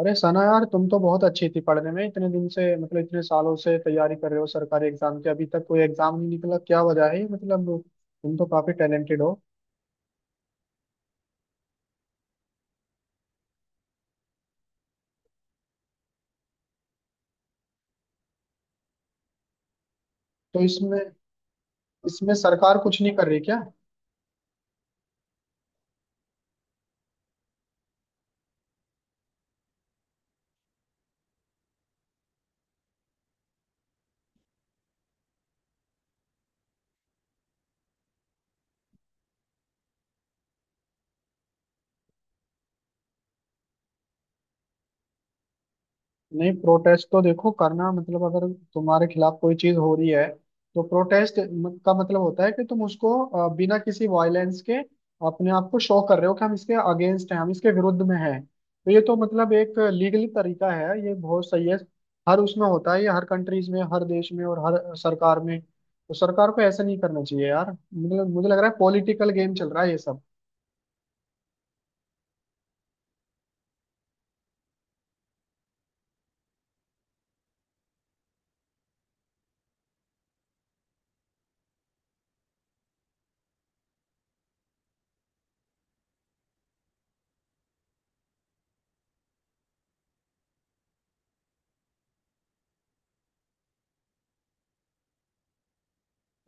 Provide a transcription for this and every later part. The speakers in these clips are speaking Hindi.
अरे सना यार, तुम तो बहुत अच्छी थी पढ़ने में। इतने दिन से, मतलब इतने सालों से तैयारी कर रहे हो सरकारी एग्जाम की। अभी तक कोई एग्जाम नहीं निकला, क्या वजह है ये? मतलब तुम तो काफी टैलेंटेड हो। तो इसमें इसमें सरकार कुछ नहीं कर रही क्या? नहीं, प्रोटेस्ट तो देखो करना, मतलब अगर तुम्हारे खिलाफ कोई चीज हो रही है तो प्रोटेस्ट का मतलब होता है कि तुम उसको बिना किसी वायलेंस के अपने आप को शो कर रहे हो कि हम इसके अगेंस्ट हैं, हम इसके विरुद्ध में हैं। तो ये तो मतलब एक लीगली तरीका है, ये बहुत सही है। हर उसमें होता है ये, हर कंट्रीज में, हर देश में और हर सरकार में। तो सरकार को ऐसा नहीं करना चाहिए यार, मतलब मुझे लग रहा है पॉलिटिकल गेम चल रहा है ये सब।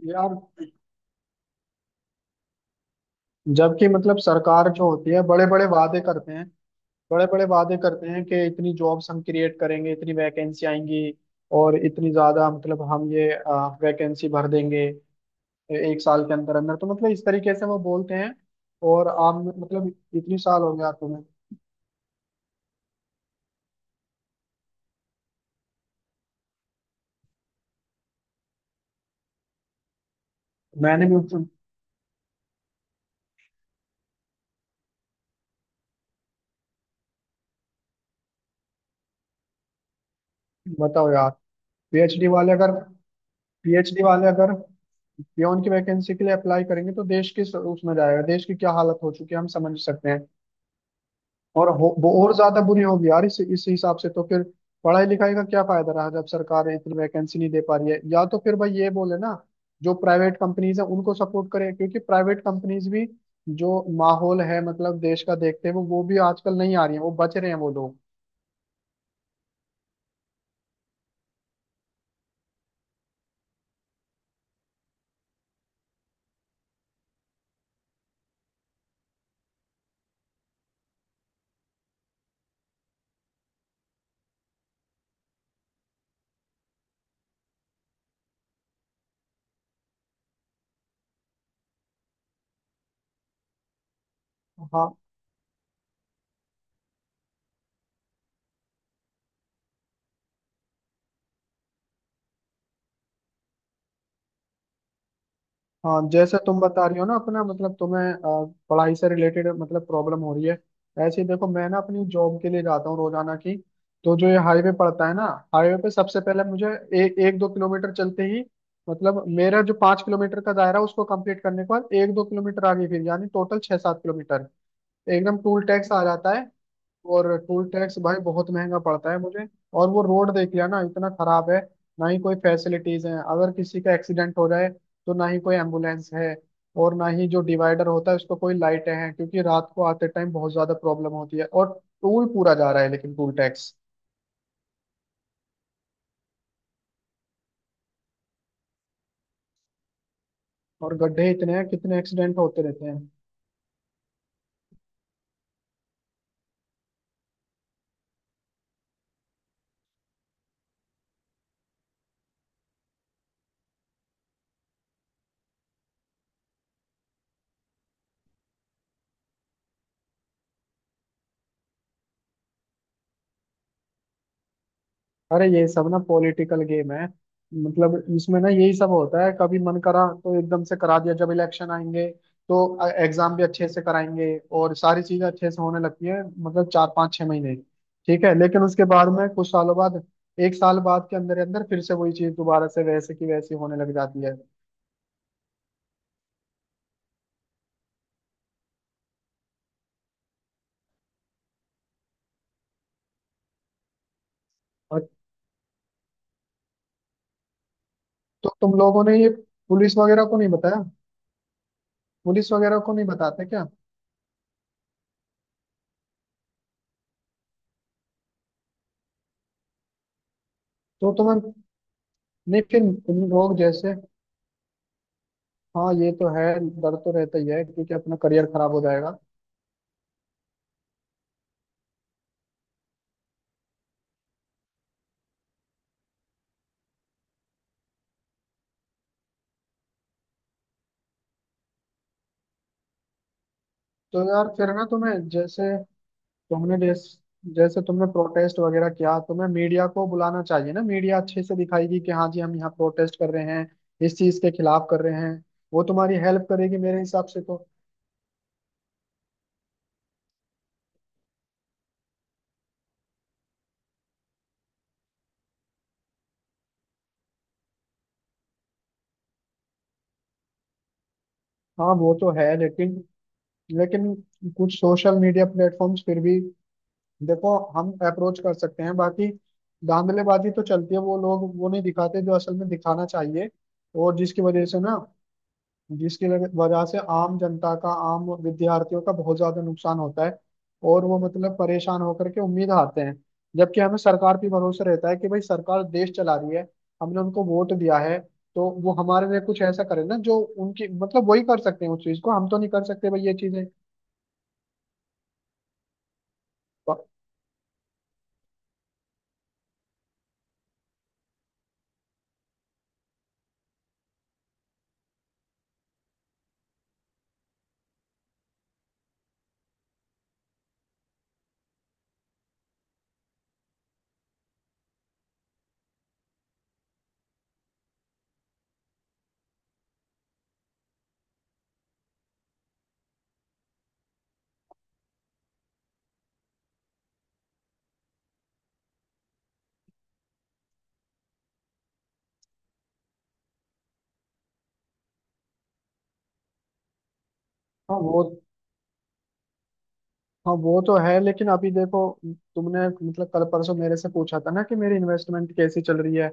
यार, जबकि मतलब सरकार जो होती है बड़े बड़े वादे करते हैं बड़े बड़े वादे करते हैं कि इतनी जॉब्स हम क्रिएट करेंगे, इतनी वैकेंसी आएंगी, और इतनी ज्यादा मतलब हम ये वैकेंसी भर देंगे एक साल के अंदर अंदर। तो मतलब इस तरीके से वो बोलते हैं। और आप मतलब इतनी साल हो गया तुम्हें। मैंने भी उनसे-। बताओ यार। पीएचडी वाले अगर पीएचडी वाले अगर पियोन की वैकेंसी के लिए अप्लाई करेंगे तो देश किस उसमें जाएगा, देश की क्या हालत हो चुकी है हम समझ सकते हैं। और हो, वो और ज्यादा बुरी होगी यार, इस हिसाब से तो फिर पढ़ाई लिखाई का क्या फायदा रहा जब सरकार इतनी वैकेंसी नहीं दे पा रही है? या तो फिर भाई ये बोले ना, जो प्राइवेट कंपनीज है उनको सपोर्ट करें, क्योंकि प्राइवेट कंपनीज भी जो माहौल है मतलब देश का देखते हैं, वो भी आजकल नहीं आ रही है, वो बच रहे हैं वो लोग। हाँ। हाँ, जैसे तुम बता रही हो ना अपना, मतलब तुम्हें पढ़ाई से रिलेटेड मतलब प्रॉब्लम हो रही है। ऐसे ही देखो मैं ना अपनी जॉब के लिए जाता हूँ रोजाना की। तो जो ये हाईवे पड़ता है ना, हाईवे पे सबसे पहले मुझे एक दो किलोमीटर चलते ही, मतलब मेरा जो 5 किलोमीटर का दायरा है, उसको कंप्लीट करने के बाद एक दो किलोमीटर आगे फिर यानी टोटल छः सात किलोमीटर एकदम टूल टैक्स आ जाता है। और टूल टैक्स भाई बहुत महंगा पड़ता है मुझे। और वो रोड देख लिया ना, इतना खराब है। ना ही कोई फैसिलिटीज हैं, अगर किसी का एक्सीडेंट हो जाए तो ना ही कोई एम्बुलेंस है, और ना ही जो डिवाइडर होता है उसको कोई लाइटें हैं, क्योंकि रात को आते टाइम बहुत ज्यादा प्रॉब्लम होती है। और टूल पूरा जा रहा है लेकिन टूल टैक्स, और गड्ढे इतने हैं, कितने एक्सीडेंट होते रहते हैं। अरे ये सब ना पॉलिटिकल गेम है, मतलब इसमें ना यही सब होता है, कभी मन करा तो एकदम से करा दिया। जब इलेक्शन आएंगे तो एग्जाम भी अच्छे से कराएंगे और सारी चीजें अच्छे से होने लगती है, मतलब चार पाँच छह महीने, ठीक है। लेकिन उसके बाद में कुछ सालों बाद, एक साल बाद के अंदर अंदर फिर से वही चीज दोबारा से वैसे की वैसी होने लग जाती है। और तो तुम लोगों ने ये पुलिस वगैरह को नहीं बताया? पुलिस वगैरह को नहीं बताते क्या? तो तुम्हें, नहीं फिर तुम लोग जैसे, हाँ, ये तो है। डर तो रहता ही है क्योंकि अपना करियर खराब हो जाएगा। तो यार फिर ना, तुम्हें जैसे, तुमने जैस, जैसे तुमने प्रोटेस्ट वगैरह किया, तुम्हें मीडिया को बुलाना चाहिए ना। मीडिया अच्छे से दिखाएगी कि हाँ जी हम यहाँ प्रोटेस्ट कर रहे हैं, इस चीज के खिलाफ कर रहे हैं। वो तुम्हारी हेल्प करेगी मेरे हिसाब से तो। हाँ, वो तो है लेकिन, लेकिन कुछ सोशल मीडिया प्लेटफॉर्म्स फिर भी देखो, हम अप्रोच कर सकते हैं। बाकी धांधलेबाजी तो चलती है, वो लोग वो नहीं दिखाते जो असल में दिखाना चाहिए। और जिसकी वजह से ना, वजह से आम जनता का, आम विद्यार्थियों का बहुत ज्यादा नुकसान होता है। और वो मतलब परेशान होकर के उम्मीद हारते हैं। जबकि हमें सरकार पे भरोसा रहता है कि भाई सरकार देश चला रही है, हमने उनको वोट दिया है, तो वो हमारे लिए कुछ ऐसा करे ना जो उनकी मतलब वही कर सकते हैं, उस चीज को हम तो नहीं कर सकते भाई, ये चीजें प-। हाँ वो हाँ, वो तो है लेकिन अभी देखो, तुमने मतलब कल परसों मेरे से पूछा था ना कि मेरी इन्वेस्टमेंट कैसी चल रही है।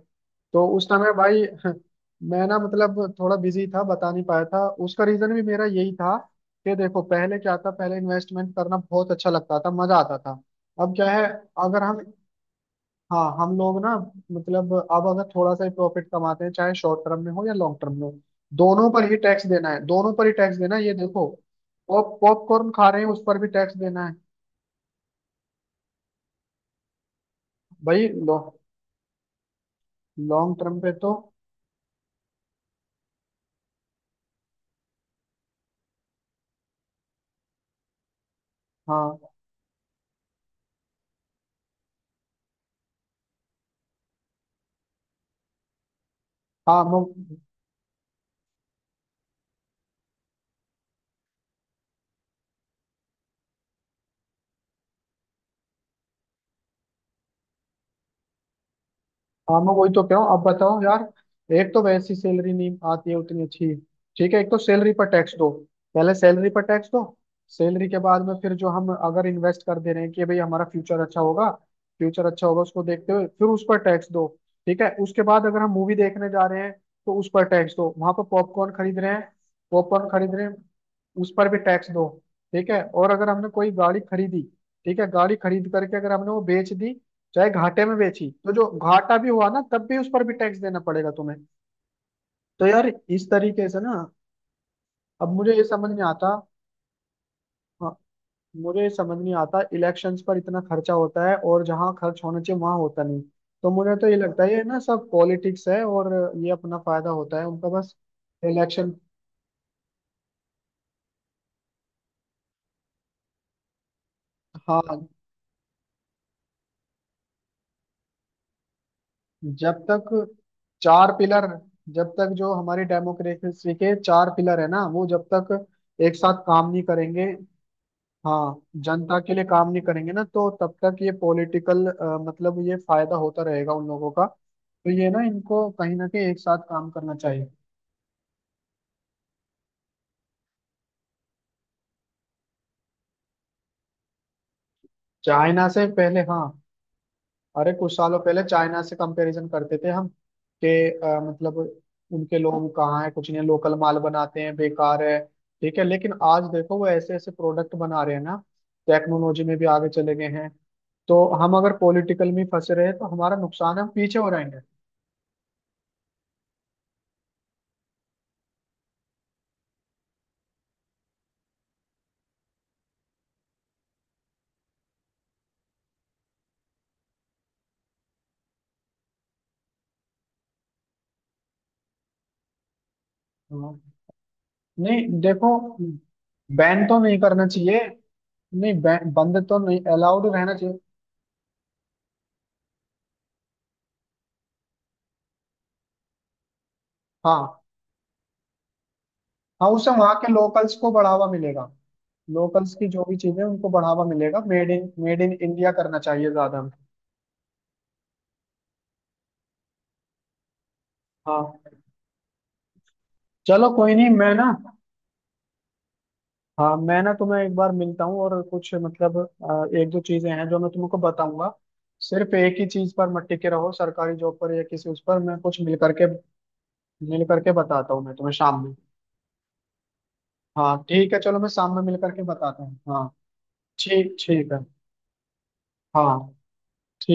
तो उस समय भाई मैं ना मतलब थोड़ा बिजी था, बता नहीं पाया था। उसका रीजन भी मेरा यही था कि देखो, पहले क्या था, पहले इन्वेस्टमेंट करना बहुत अच्छा लगता था, मजा आता था। अब क्या है, अगर हम हाँ, हम लोग ना, मतलब अब अगर थोड़ा सा ही प्रॉफिट कमाते हैं चाहे शॉर्ट टर्म में हो या लॉन्ग टर्म में हो, दोनों पर ही टैक्स देना है, दोनों पर ही टैक्स देना है, ये देखो, पॉपकॉर्न खा रहे हैं उस पर भी टैक्स देना है। भाई लॉन्ग टर्म पे तो, हाँ, हाँ, हाँ, मैं वही तो कह रहा हूँ। अब बताओ यार, एक तो वैसी सैलरी नहीं आती है उतनी अच्छी, ठीक है, एक तो सैलरी पर टैक्स दो, पहले सैलरी पर टैक्स दो। सैलरी के बाद में फिर जो हम अगर इन्वेस्ट कर दे रहे हैं कि भाई हमारा फ्यूचर अच्छा होगा, उसको देखते हुए फिर उस पर टैक्स दो। ठीक है, उसके बाद अगर हम मूवी देखने जा रहे हैं तो उस पर टैक्स दो, वहां पर पॉपकॉर्न खरीद रहे हैं, पॉपकॉर्न खरीद रहे हैं उस पर भी टैक्स दो। ठीक है, और अगर हमने कोई गाड़ी खरीदी, ठीक है, गाड़ी खरीद करके अगर हमने वो बेच दी, चाहे घाटे में बेची तो जो घाटा भी हुआ ना, तब भी उस पर भी टैक्स देना पड़ेगा तुम्हें। तो यार इस तरीके से ना, अब मुझे ये समझ नहीं आता, हाँ, मुझे ये समझ नहीं आता, इलेक्शंस पर इतना खर्चा होता है और जहाँ खर्च होना चाहिए वहां होता नहीं। तो मुझे तो ये लगता है ये ना सब पॉलिटिक्स है, और ये अपना फायदा होता है उनका बस, इलेक्शन। हाँ, जब तक, चार पिलर, जब तक जो हमारी डेमोक्रेसी के चार पिलर है ना, वो जब तक एक साथ काम नहीं करेंगे, हाँ, जनता के लिए काम नहीं करेंगे ना, तो तब तक ये पॉलिटिकल, मतलब ये फायदा होता रहेगा उन लोगों का। तो ये ना, इनको कहीं ना कहीं एक साथ काम करना चाहिए। चाइना से पहले, हाँ, अरे कुछ सालों पहले चाइना से कंपैरिजन करते थे हम कि मतलब उनके लोग कहाँ है, कुछ नहीं लोकल माल बनाते हैं, बेकार है, ठीक है। लेकिन आज देखो वो ऐसे ऐसे प्रोडक्ट बना रहे हैं ना, टेक्नोलॉजी में भी आगे चले गए हैं। तो हम अगर पॉलिटिकल में फंसे रहे तो हमारा नुकसान है, हम पीछे हो जाएंगे। हाँ। नहीं देखो, बैन तो नहीं करना चाहिए, नहीं बैन बंद तो नहीं, अलाउड रहना चाहिए। हाँ। हाँ, उससे वहाँ के लोकल्स को बढ़ावा मिलेगा, लोकल्स की जो भी चीजें उनको बढ़ावा मिलेगा, मेड इन इंडिया करना चाहिए ज्यादा हमें। हाँ, चलो कोई नहीं। मैं ना, हाँ, मैं ना तुम्हें एक बार मिलता हूँ, और कुछ मतलब एक दो चीजें हैं जो मैं तुमको बताऊंगा। सिर्फ एक ही चीज पर मत टिके रहो सरकारी जॉब पर या किसी उस पर। मैं कुछ मिल करके, बताता हूँ मैं तुम्हें शाम में। हाँ, ठीक है, चलो मैं शाम में मिल करके बताता हूँ। हाँ, ठीक ठीक है। हाँ, ठीक।